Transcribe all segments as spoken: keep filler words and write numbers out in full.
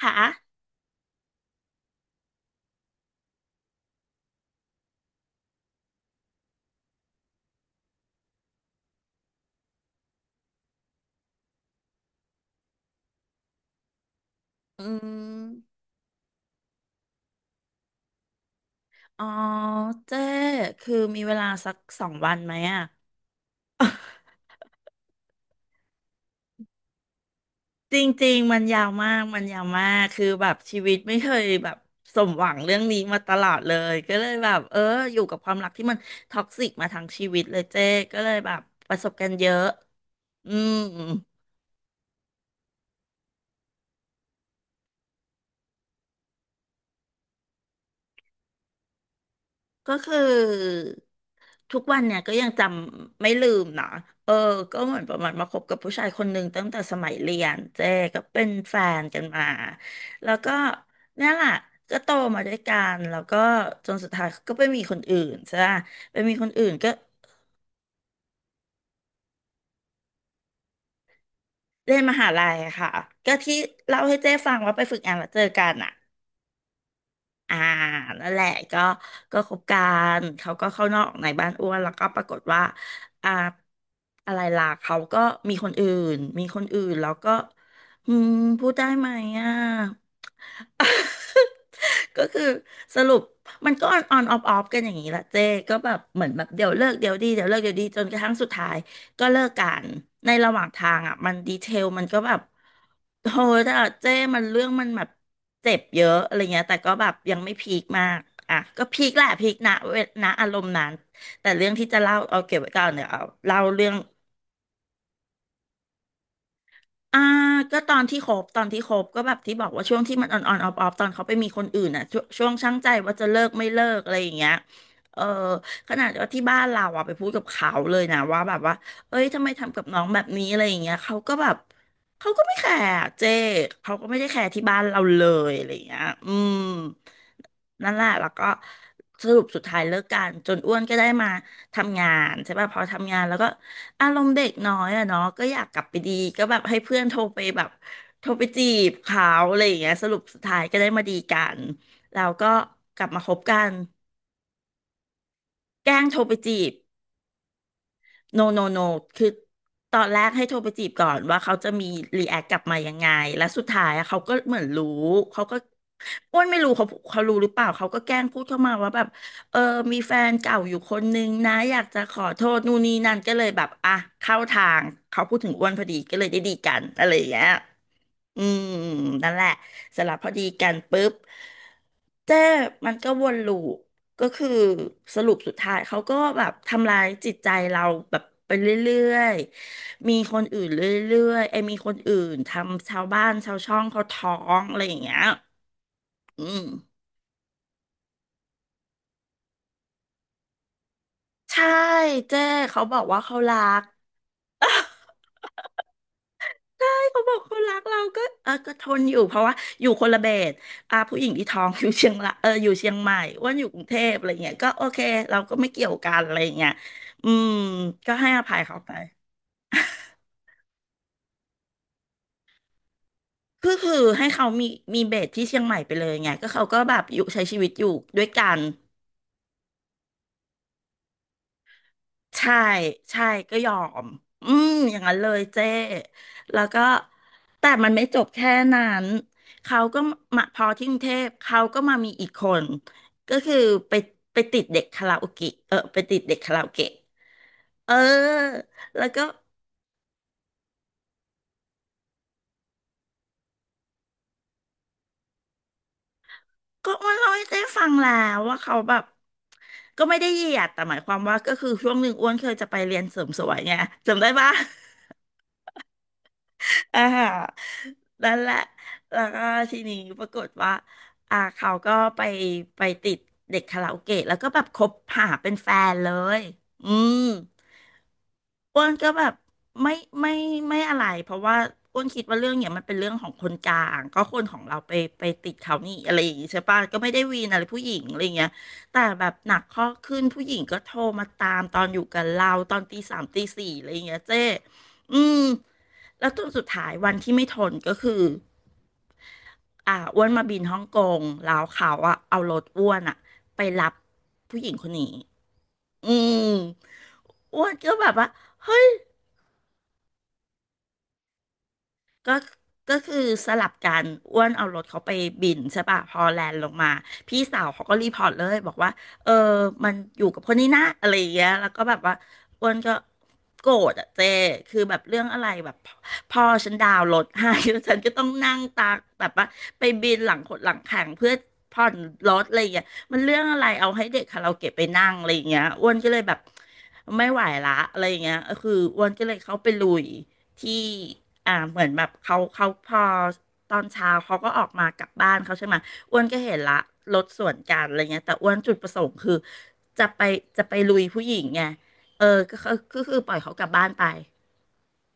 ค่ะอืมอ๋อเจ้คือมีเวลาสักสองวันไหมอ่ะจริงๆมันยาวมากมันยาวมาก คือแบบชีวิตไม่เคยแบบสมหวังเรื่องนี้มาตลอดเลยก็เลยแบบเอออยู่กับความรักที่มันท็อกซิกมาทั้งชีวิตเลยเจ้ก็เลยแบบประสบกันเยอะ อืม ก็คือทุกวันเนี่ยก็ยังจำไม่ลืมนะเออก็เหมือนประมาณมาคบกับผู้ชายคนหนึ่งตั้งแต่สมัยเรียนเจ๊ก็เป็นแฟนกันมาแล้วก็เนี่ยแหละก็โตมาด้วยกันแล้วก็จนสุดท้ายก็ไปมีคนอื่นใช่ไหมไปมีคนอื่นก็เรียนมหาลัยอะค่ะก็ที่เล่าให้เจ๊ฟังว่าไปฝึกงานแล้วเจอกันอ่ะ อ่านั่นแหละก็ก็คบกันเขาก็เข้านอกในบ้านอ้วน แล้วก็ปรากฏว่าอ่าอะไรล่ะเขาก็มีคนอื่น มีคนอื่นแล้วก็อืมพูดได้ไหมอ่ะ ก็คือสรุปมันก็ออนออนออฟออฟกันอย่างนี้แหละเจ้ก็แบบเหมือนแบบเดี๋ยวเลิกเดี๋ยวดีเดี๋ยวเลิกเดี๋ยวดีจนกระทั่งสุดท้ายก็เลิกกันในระหว่างทางอ่ะมันดีเทลมันก็แบบโหแต่เจ้มันเรื่องมันแบบเจ็บเยอะอะไรเงี้ยแต่ก็แบบยังไม่พีคมากอ่ะก็พีคแหละพีคนะเวนะอารมณ์นั้นแต่เรื่องที่จะเล่าเอาเก็บไว้ก่อนเดี๋ยวเอาเล่าเรื่อง อ่าก็ตอนที่คบตอนที่คบก็แบบที่บอกว่าช่วงที่มันออนออนออฟออฟตอนเขาไปมีคนอื่นอ่ะช่วงช่วงชั่างใจว่าจะเลิกไม่เลิกอะไรอย่างเงี้ยเออขนาดว่าที่บ้านเราอ่ะไปพูดกับเขาเลยนะว่าแบบว่าเอ้ยทำไมทำกับน้องแบบนี้อะไรอย่างเงี้ยเขาก็แบบเขาก็ไม่แคร์อะเจ๊เขาก็ไม่ได้แคร์ที่บ้านเราเลยอะไรอย่างเงี้ยอืมนั่นแหละแล้วก็สรุปสุดท้ายเลิกกันจนอ้วนก็ได้มาทำงานใช่ป่ะพอทำงานแล้วก็ อารมณ์เด็กน้อยอะเนาะก็อยากกลับไปดีก็แบบให้เพื่อนโทรไปแบบโทรไปจีบเขาอะไรอย่างเงี้ยสรุปสุดท้ายก็ได้มาดีกันแล้วก็กลับมาคบกันแกล้งโทรไปจีบ no no no คือตอนแรกให้โทรไปจีบก่อนว่าเขาจะมีรีแอคกลับมายังไงและสุดท้ายอะเขาก็เหมือนรู้ เขาก็อ้วนไม่รู้เขาเขารู้หรือเปล่า เขาก็แกล้งพูดเข้ามาว่าแบบเออมีแฟนเก่าอยู่คนนึงนะอยากจะขอโทษนู่นนี่นั่นก็เลยแบบอ่ะเข้าทางเขาพูดถึงอ้วนพอดีก็เลยได้ดีกันอะไรอย่างเงี้ย อืมนั่นแหละเสร็จแล้วพอดีกันปุ๊บเจ้มันก็วนลูปก็คือสรุปสุดท้ายเขาก็แบบทำลายจิตใจเราแบบไปเรื่อยๆมีคนอื่นเรื่อยๆไอ้ยมีคนอื่นทำชาวบ้านชาวช่องเขาท้องอะไรอย่างเงี้ยอืมใช่เจ้เขาบอกว่าเขารัก เขาบอกคนรักเราก็เออก็ทนอยู่เพราะว่าอยู่คนละเบสอ่าผู้หญิงที่ท้องอยู่เชียงละเอออยู่เชียงใหม่อ้วนอยู่กรุงเทพอะไรเงี้ยก็โอเคเราก็ไม่เกี่ยวกันอะไรเงี้ยอืมก็ให้อภัยเขาไปก็คือให้เขามีมีเบสที่เชียงใหม่ไปเลยไงก็เขาก็แบบอยู่ใช้ชีวิตอยู่ด้วยกัน ใช่ใช่ก็ยอมอืมอย่างนั้นเลยเจ้แล้วก็ แต่มันไม่จบแค่นั้นเขาก็มาพอที่กรุงเทพเขาก็มามีอีกคน ก็คือไปไปติดเด็กคาราโอเกะเออไปติดเด็กคาราโอเกะเออแล้วก็ก็มันเล่าให้เจ๊ฟังแล้วว่าเขาแบบก็ไม่ได้เหยียดแต่หมายความว่าก็คือช่วงหนึ่งอ้วนเคยจะไปเรียนเสริมสวยไงจำได้ปะ อ่าฮะนั่นแหละ แล้วก็ทีนี้ปรากฏว่าอ่าเขาก็ไปไปติดเด็กคาราโอเกะแล้วก็แบบคบหาเป็นแฟนเลย อืมอ้วนก็แบบไม่ไม่ไม่อะไร เพราะว่าอ้วนคิดว่าเรื่องเนี่ยมันเป็นเรื่องของคนกลาง ก็คนของเราไปไปติดเขานี่อะไรอย่างงี้ใช่ปะก็ไม่ได้วีนอะไรผู้หญิงอะไรเงี้ยแต่แบบหนักข้อขึ้นผู้หญิงก็โทรมาตามตอนอยู่กับเราตอนตีสามตีสี่อะไรเงี้ยเจ้อืม แล้วตัวสุดท้ายวันที่ไม่ทนก็คืออ่าอ้วนมาบินฮ่องกงแล้วเขาอะเอารถอ้วนอะไปรับผู้หญิงคนนี้อืมอ้วนก็แบบว่าเฮ้ย ก็ ก็คือสลับกันอ้วนเอารถเขาไปบินใช่ป่ะพอแลนด์ลงมาพี่สาวเขาก็รีพอร์ตเลยบอกว่าเออมันอยู่กับคนนี้นะอะไรอย่างเงี้ยแล้วก็แบบว่าอ้วนก็โกรธอะเจคือแบบเรื่องอะไรแบบพพ่อฉันดาวน์รถให้ แล้วฉันก็ต้องนั่งตากแบบว่าไปบินหลังขดหลังแข็งเพื่อผ่อนรถอะไรอย่างเงี้ยมันเรื่องอะไรเอาให้เด็กคาราโอเกะไปนั่งอะไรอย่างเงี้ยอ้วนก็เลยแบบไม่ไหวละอะไรอย่างเงี้ยคืออ้วนก็เลยเข้าไปลุย ที่อ่าเหมือนแบบเขาเขาพอตอนเช้าเขาก็ออกมากลับบ้านเขาใช่ไหมอ้วนก็เห็นละรถสวนกันอะไรเงี้ยแต่อ้วนจุดประสงค์คือจะไปจะไปลุยผู้หญิงไงเออก็คือก็คือปล่อยเขากลับบ้านไป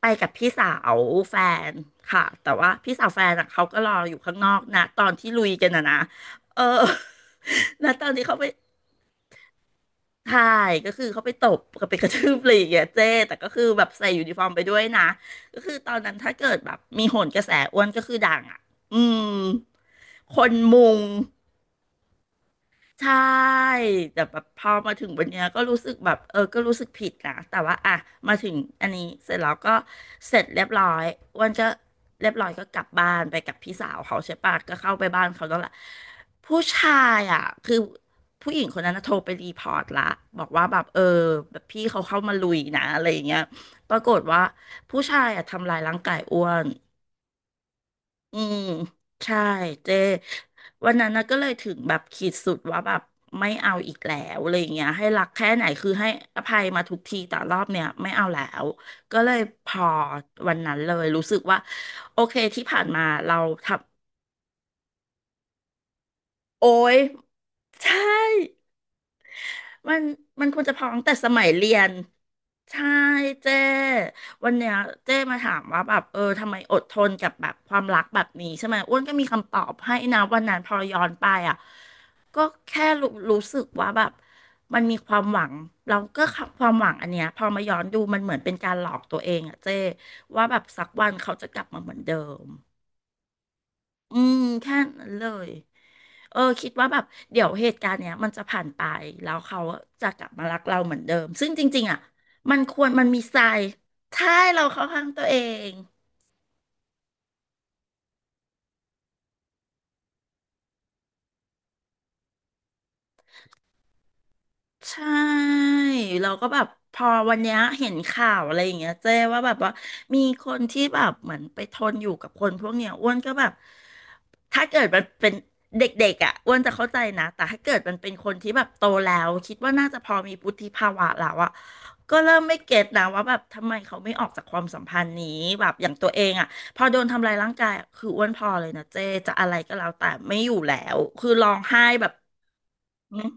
ไปกับพี่สาวแฟนค่ะแต่ว่าพี่สาวแฟนอ่ะเขาก็รออยู่ข้างนอกนะตอนที่ลุยกันนะนะ เออ นะตอนที่เขาไป ใช่ก็คือเขาไปตบกับไปกระทืบอะไรอย่างเงี้ยเจ๊แต่ก็คือแบบใส่ยูนิฟอร์มไปด้วยนะก็คือตอนนั้นถ้าเกิดแบบมีโหนกระแสอ้วนก็คือดังอ่ะ อืม คนมุง ใช่แต่แบบพอมาถึงวันเนี้ยก็รู้สึกแบบเออก็รู้สึกผิดนะแต่ว่าอ่ะมาถึงอันนี้เสร็จแล้วก็เสร็จเรียบร้อยอ้วันก็เรียบร้อยก็กลับบ้านไปกับพี่สาวเขาใช่ปะก็เข้าไปบ้านเขาแล้วแหละผู้ชายอ่ะคือผู้หญิงคนนั้นน่ะโทรไปรีพอร์ตละบอกว่าแบบเออแบบพี่เขาเข้ามาลุยนะอะไรอย่างเงี้ยปรากฏว่าผู้ชายอ่ะทำลายร่างกายอ้วน อืมใช่เจวันนั้นนะก็เลยถึงแบบขีดสุดว่าแบบไม่เอาอีกแล้วอะไรอย่างเงี้ยให้รักแค่ไหนคือให้อภัยมาทุกทีแต่รอบเนี้ยไม่เอาแล้วก็เลยพอวันนั้นเลยรู้สึกว่าโอเคที่ผ่านมาเราทำโอ้ยใช่มันมันควรจะพอตั้งแต่สมัยเรียน ใช่เจ้วันเนี้ยเจ้มาถามว่าแบบเออทำไมอดทนกับแบบความรักแบบนี้ใช่ไหมอ้วนก็มีคำตอบให้นะวันนั้นพอย้อนไปอ่ะก็แค่รู้รู้สึกว่าแบบมันมีความหวังเราก็ความหวังอันเนี้ยพอมาย้อนดูมันเหมือนเป็นการหลอกตัวเองอ่ะเจ้ว่าแบบสักวันเขาจะกลับมาเหมือนเดิมอืมแค่นั้นเลย เออคิดว่าแบบเดี๋ยวเหตุการณ์เนี้ยมันจะผ่านไปแล้วเขาจะกลับมารักเราเหมือนเดิมซึ่งจริงๆอ่ะมันควรมันมีทรายถ้าให้เราเข้าข้างตัวเอง ใช่เราก็แบบพอวันเนี้ยเห็นข่าวอะไรอย่างเงี้ยเจ้ว่าแบบว่ามีคนที่แบบเหมือนไปทนอยู่กับคนพวกเนี้ยอ้วนก็แบบถ้าเกิดมันเป็นเด็กๆอ่ะอ้วนจะเข้าใจนะแต่ถ้าเกิดมันเป็นคนที่แบบโตแล้วคิดว่าน่าจะพอมีวุฒิภาวะแล้วอ่ะก็เริ่มไม่เก็ตนะว่าแบบทำไมเขาไม่ออกจากความสัมพันธ์นี้แบบอย่างตัวเองอ่ะพอโดนทำลายร่างกายอะคืออ้วนพอเลยนะเจ้จะอะไรก็แล้วแต่ไม่อยู่แล้วคือร้องไห้แบบอือหือ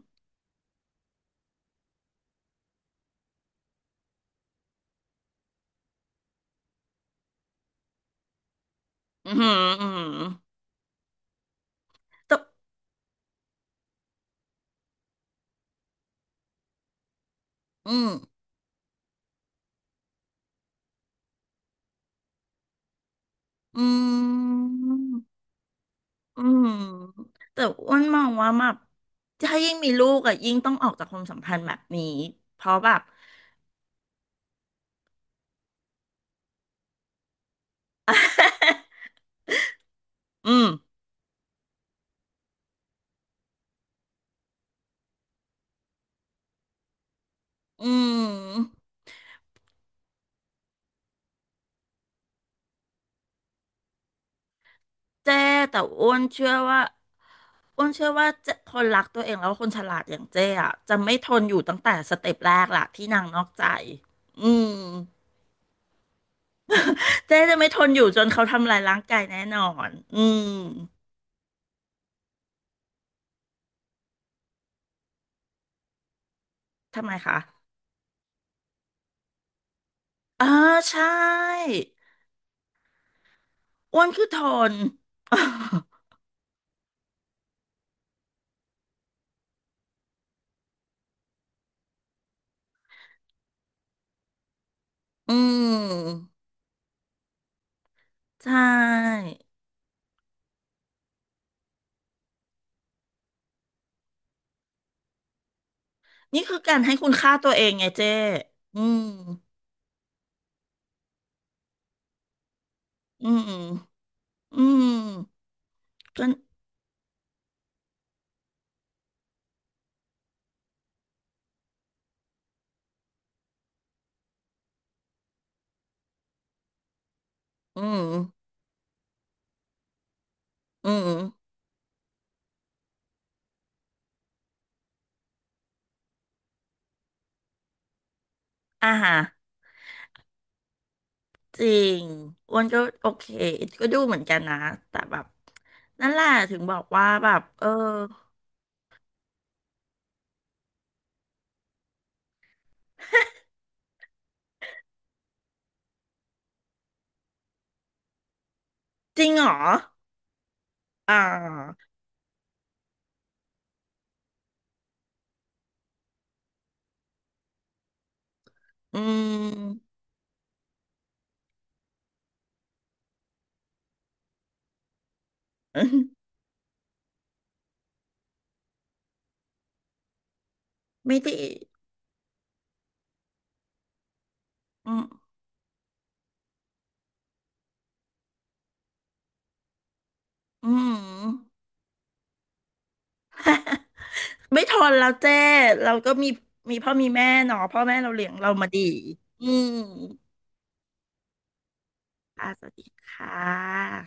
อื้อหือ อืมอืม อืม แต่อ้วนมองว่าแบบถ้ายิ่งมีลูกอะยิ่งต้องออกจากความสัมพันธ์แบบนี้เพราะแบบ อืมอืมเจ๊แต่อ้วนเชื่อว่าอ้วนเชื่อว่าเจ๊คนรักตัวเองแล้วคนฉลาดอย่างเจ๊อะจะไม่ทนอยู่ตั้งแต่สเต็ปแรกล่ะที่นางนอกใจอืมเจ๊จะไม่ทนอยู่จนเขาทำลายร่างกายแน่นอนอืมทำไมคะอ่าใช่ อ้วนคือทน อืมใช่ นี่คือการให้คุณค่าตัวเองไงเจ้อืมอืมอืมก็อืมอืมอ่าฮะจริงอ้วนก็โอเคก็ดูเหมือนกันนะแต่แบบนั่นแหละถึงบอกว่าแบบเออจริงเหรออ่าอืม ไม่ไดีอืมอืม ไม่ทนแล้วเจ้เราก็มีมีพ่อมีแม่เนาะพ่อแม่เราเลี้ยงเรามาดีอืมอ่าสวัสดีค่ะ